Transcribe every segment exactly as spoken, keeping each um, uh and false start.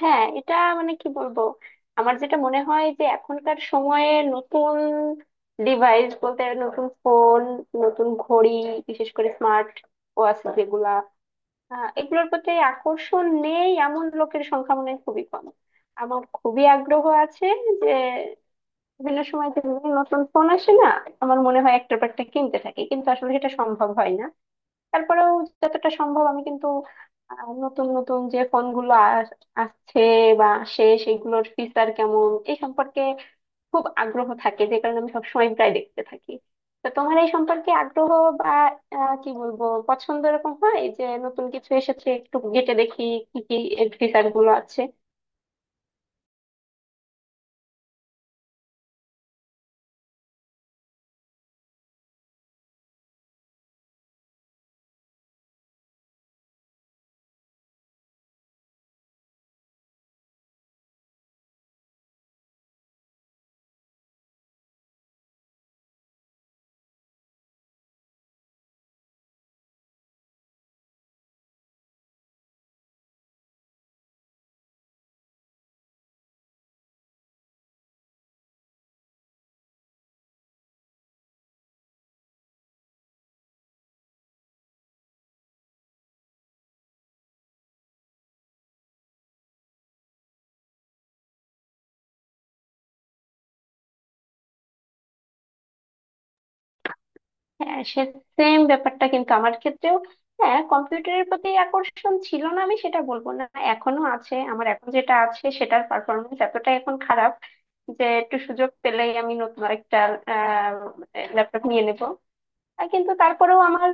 হ্যাঁ, এটা মানে কি বলবো। আমার যেটা মনে হয় যে এখনকার সময়ে নতুন ডিভাইস বলতে নতুন ফোন, নতুন ঘড়ি, বিশেষ করে স্মার্ট ওয়াচ যেগুলা, আহ, এগুলোর প্রতি আকর্ষণ নেই এমন লোকের সংখ্যা মনে হয় খুবই কম। আমার খুবই আগ্রহ আছে যে বিভিন্ন সময় যে বিভিন্ন নতুন ফোন আসে না, আমার মনে হয় একটার পর একটা কিনতে থাকি, কিন্তু আসলে সেটা সম্ভব হয় না। তারপরেও যতটা সম্ভব আমি কিন্তু আহ, নতুন নতুন যে ফোনগুলো আস- আসছে বা আসে সেগুলোর ফিচার কেমন এই সম্পর্কে খুব আগ্রহ থাকে, যে কারণে আমি সবসময় প্রায় দেখতে থাকি। তো তোমার এই সম্পর্কে আগ্রহ বা আহ, কি বলবো পছন্দ এরকম হয় যে নতুন কিছু এসেছে, একটু ঘেঁটে দেখি কি কি এর ফিচার গুলো আছে। হ্যাঁ, সে সেম ব্যাপারটা কিন্তু আমার ক্ষেত্রেও। হ্যাঁ, কম্পিউটারের প্রতি আকর্ষণ ছিল না আমি সেটা বলবো না, এখনো আছে। আমার এখন যেটা আছে সেটার পারফরমেন্স এতটা এখন খারাপ যে একটু সুযোগ পেলেই আমি নতুন একটা ল্যাপটপ নিয়ে নেব। আহ, কিন্তু তারপরেও আমার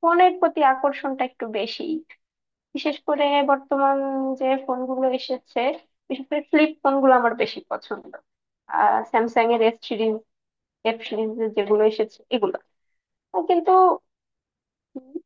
ফোনের প্রতি আকর্ষণটা একটু বেশি, বিশেষ করে বর্তমান যে ফোনগুলো এসেছে, বিশেষ করে ফ্লিপ ফোনগুলো আমার বেশি পছন্দ। আহ স্যামসাং এর এস সিরিজ, এফ সিরিজ যেগুলো এসেছে এগুলো কিন্তু। হ্যাঁ,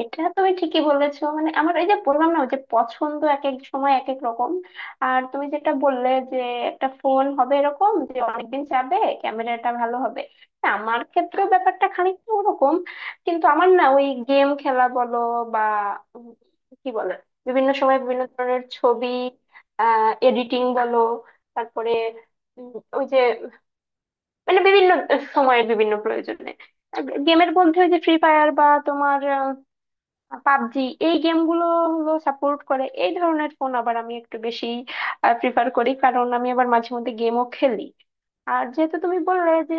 এটা তুমি ঠিকই বলেছো, মানে আমার এই যে বললাম না ওই যে পছন্দ এক এক সময় এক এক রকম। আর তুমি যেটা বললে যে একটা ফোন হবে এরকম যে অনেকদিন যাবে, ক্যামেরাটা ভালো হবে, না, আমার ক্ষেত্রেও ব্যাপারটা খানিকটা ওরকম। কিন্তু আমার না ওই গেম খেলা বলো বা উম কি বলে বিভিন্ন সময় বিভিন্ন ধরনের ছবি এডিটিং বলো, তারপরে উম, ওই যে মানে বিভিন্ন সময়ের বিভিন্ন প্রয়োজনে গেমের মধ্যে ওই যে ফ্রি ফায়ার বা তোমার পাবজি, এই গেমগুলো হলো, সাপোর্ট করে এই ধরনের ফোন, আবার আমি একটু বেশি প্রিফার করি কারণ আমি আবার মাঝে মধ্যে গেমও খেলি। আর যেহেতু তুমি বললে যে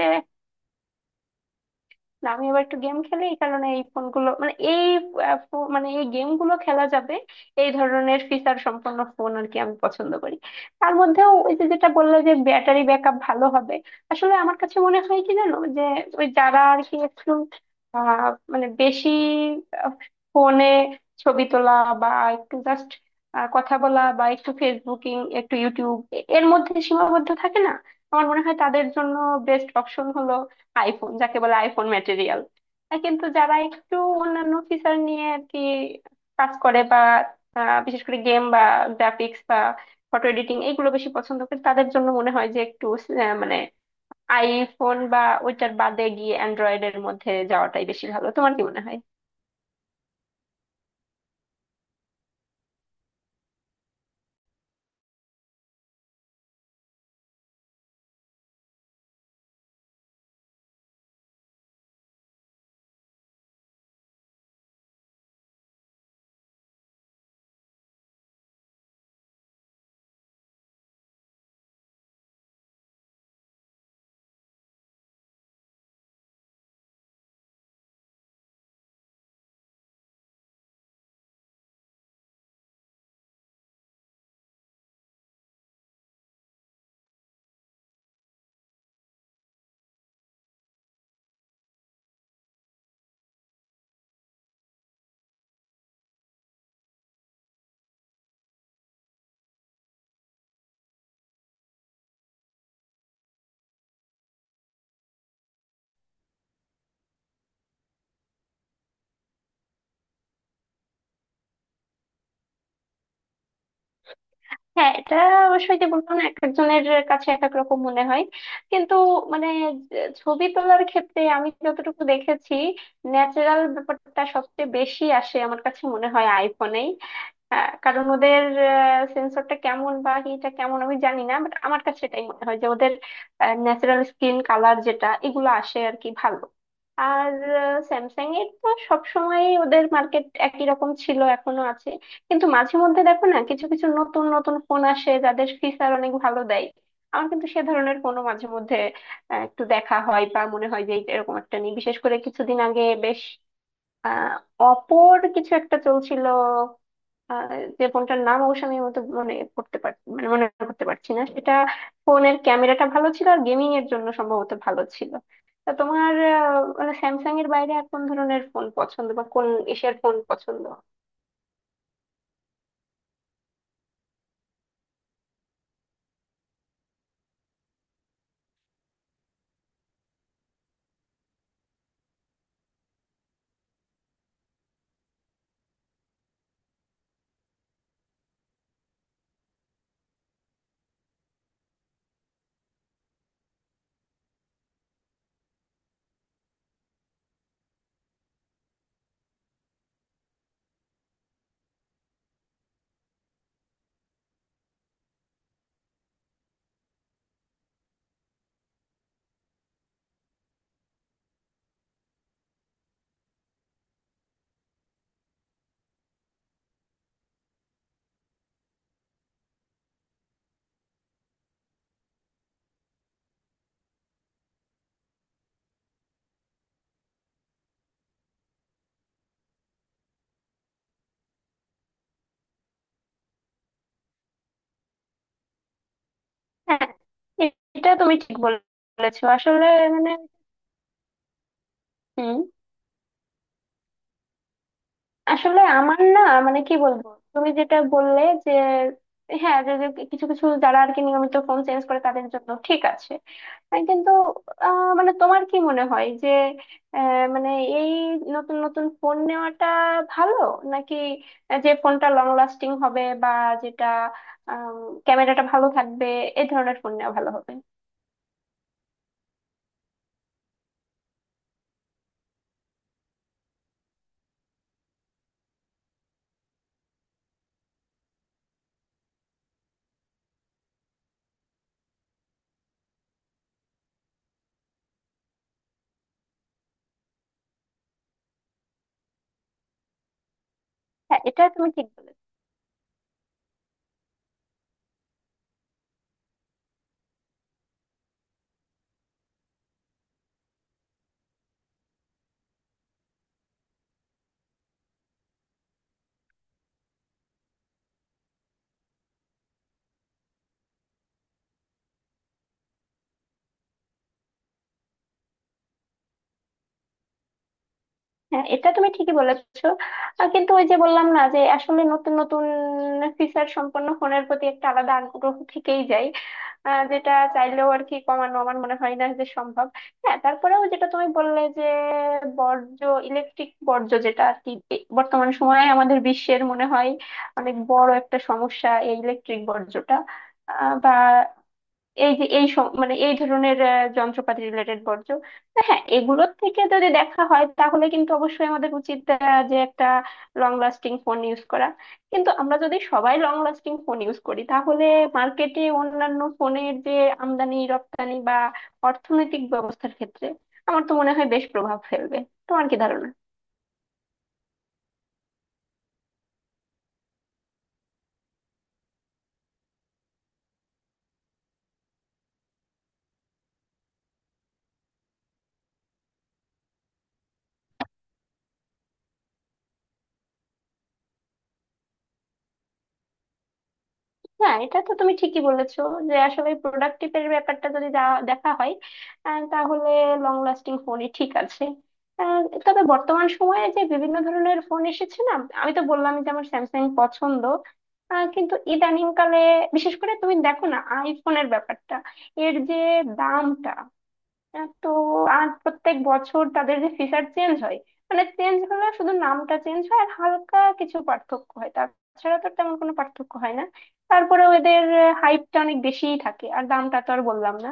না, আমি আবার একটু গেম খেলি এই কারণে এই ফোনগুলো মানে এই আহ, ফো- মানে এই গেমগুলো খেলা যাবে এই ধরনের ফিচার সম্পন্ন ফোন আর কি আমি পছন্দ করি। তার মধ্যেও ওই যে যেটা বললো যে ব্যাটারি ব্যাকআপ ভালো হবে, আসলে আমার কাছে মনে হয় কি জানো, যে ওই যারা আর কি একটু আহ মানে বেশি ফোনে ছবি তোলা বা একটু জাস্ট কথা বলা বা একটু ফেসবুকিং একটু ইউটিউব এ- এর মধ্যে সীমাবদ্ধ থাকে না, আমার মনে হয় তাদের জন্য বেস্ট অপশন হলো আইফোন, যাকে বলে আইফোন ম্যাটেরিয়াল। কিন্তু যারা একটু অন্যান্য ফিচার নিয়ে আর কি কাজ করে বা আহ, বিশেষ করে গেম বা গ্রাফিক্স বা ফটো এডিটিং এগুলো বেশি পছন্দ করে তাদের জন্য মনে হয় যে একটু আহ, মানে আইফোন বা ওইটার বাদে গিয়ে অ্যান্ড্রয়েডের মধ্যে যাওয়াটাই বেশি ভালো। তোমার কি মনে হয়? হ্যাঁ, এটা অবশ্যই, যে বললাম না এক একজনের কাছে এক এক রকম মনে হয়। কিন্তু মানে যে- ছবি তোলার ক্ষেত্রে আমি যতটুকু দেখেছি ন্যাচারাল ব্যাপারটা সবচেয়ে বেশি আসে আমার কাছে মনে হয় আইফোনেই। হ্যাঁ, কারণ ওদের সেন্সরটা কেমন বা হিটা কেমন আমি জানি না, বাট আমার কাছে সেটাই মনে হয় যে ওদের ন্যাচারাল স্কিন কালার যেটা এগুলো আসে আর কি ভালো। আর স্যামসাং এর তো সবসময় ওদের মার্কেট একই রকম ছিল, এখনো আছে। কিন্তু মাঝে মধ্যে দেখো না কিছু কিছু নতুন নতুন ফোন আসে যাদের ফিচার অনেক ভালো দেয়। আমার কিন্তু সে ধরনের ফোনও মাঝে মধ্যে আহ, একটু দেখা হয় বা মনে হয় যে এইটা এরকম একটা নিই। বিশেষ করে কিছুদিন আগে বেশ আহ অপোর কিছু একটা চলছিল, আহ যে ফোনটার নাম অবশ্য আমি মতো মনে করতে পার মানে মনে করতে পারছি না। সেটা ফোনের ক্যামেরাটা ভালো ছিল আর গেমিং এর জন্য সম্ভবত ভালো ছিল। তা তোমার আহ, মানে স্যামসাং এর বাইরে আর কোন ধরনের ফোন পছন্দ বা কোন এশিয়ার ফোন পছন্দ? হ্যাঁ, এটা তুমি ঠিক বলেছো। আসলে মানে হম আসলে আমার না মানে কি বলবো, তুমি যেটা বললে যে হ্যাঁ, যে যে কিছু কিছু যারা আর কি নিয়মিত ফোন চেঞ্জ করে তাদের জন্য ঠিক আছে। আহ, কিন্তু আহ, মানে তোমার কি মনে হয় যে আহ, মানে এই নতুন নতুন ফোন নেওয়াটা ভালো নাকি যে ফোনটা লং লাস্টিং হবে বা যেটা ক্যামেরাটা ভালো থাকবে এই ধরনের ফোন নেওয়া ভালো হবে? হ্যাঁ, এটা তুমি ঠিক বলেছো। হ্যাঁ, এটা তুমি ঠিকই বলেছো। আহ, কিন্তু ওই যে বললাম না যে আসলে নতুন নতুন ফিচার সম্পন্ন ফোনের প্রতি একটা আলাদা আগ্রহ থেকেই যায়, আহ, যেটা চাইলেও আর কি কমানো আমার মনে হয় না যে সম্ভব। হ্যাঁ, তারপরেও যেটা তুমি বললে যে বর্জ্য, ইলেকট্রিক বর্জ্য যেটা আর কি বে- বর্তমান সময়ে আমাদের বিশ্বের মনে হয় অনেক বড় একটা সমস্যা, এই ইলেকট্রিক বর্জ্যটা। আহ, বা এই যে এই সম- মানে এই ধরনের আহ, যন্ত্রপাতি রিলেটেড বর্জ্য। তো হ্যাঁ, এগুলোর থেকে যদি দেখা হয় তাহলে কিন্তু অবশ্যই আমাদের উচিত আহ, যে একটা লং লাস্টিং ফোন ইউজ করা। কিন্তু আমরা যদি সবাই লং লাস্টিং ফোন ইউজ করি তাহলে মার্কেটে অন্যান্য ফোনের যে আমদানি রপ্তানি বা অর্থনৈতিক ব্যবস্থার ক্ষেত্রে আমার তো মনে হয় বেশ প্রভাব ফেলবে। তোমার কি ধারণা? হ্যাঁ, এটা তো তুমি ঠিকই বলেছো, যে আসলে প্রোডাক্টিভ এর ব্যাপারটা যদি যা- দেখা হয় আহ, তাহলে লং লাস্টিং ফোনই ঠিক আছে। আহ, তবে বর্তমান সময়ে যে বিভিন্ন ধরনের ফোন এসেছে না, আমি তো বললাম যে আমার স্যামসাং পছন্দ। আহ, কিন্তু ইদানিং কালে বিশেষ করে তুমি দেখো না আইফোনের ব্যাপারটা, এর যে দামটা আহ, তো আর প্রত্যেক বছর তাদের যে ফিশার চেঞ্জ হয়, মানে চেঞ্জ হলে শুধু নামটা চেঞ্জ হয় আর হালকা কিছু পার্থক্য হয়, তাছাড়া তো তেমন কোনো পার্থক্য হয় না। তারপরে এদের হাইপটা অনেক বেশিই থাকে আর দামটা তো আর বললাম না।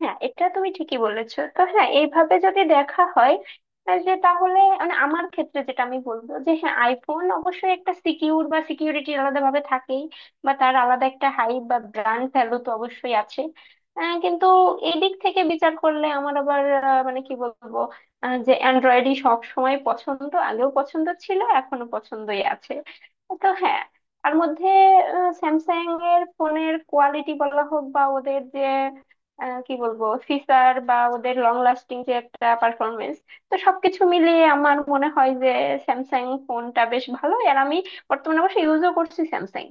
হ্যাঁ, এটা তুমি ঠিকই বলেছো। তো হ্যাঁ, এইভাবে যদি দেখা হয় আহ, যে তাহলে মানে আমার ক্ষেত্রে যেটা আমি বলবো যে হ্যাঁ, আইফোন অবশ্যই একটা সিকিউর বা সিকিউরিটি আলাদা ভাবে থাকেই বা তার আলাদা একটা হাইপ বা ব্র্যান্ড ভ্যালু তো অবশ্যই আছে। আহ, কিন্তু এই দিক থেকে বিচার করলে আমার আবার আহ, মানে কি বলবো আহ, যে অ্যান্ড্রয়েডই সব সময় পছন্দ, আগেও পছন্দ ছিল, এখনো পছন্দই আছে। তো হ্যাঁ, তার মধ্যে স্যামসাং এর ফোনের কোয়ালিটি বলা হোক বা ওদের যে আহ, কি বলবো ফিচার বা ওদের লং লাস্টিং যে একটা পারফরমেন্স, তো সবকিছু মিলিয়ে আমার মনে হয় যে স্যামসাং ফোনটা বেশ ভালো আর আমি বর্তমানে অবশ্য ইউজও করছি স্যামসাং।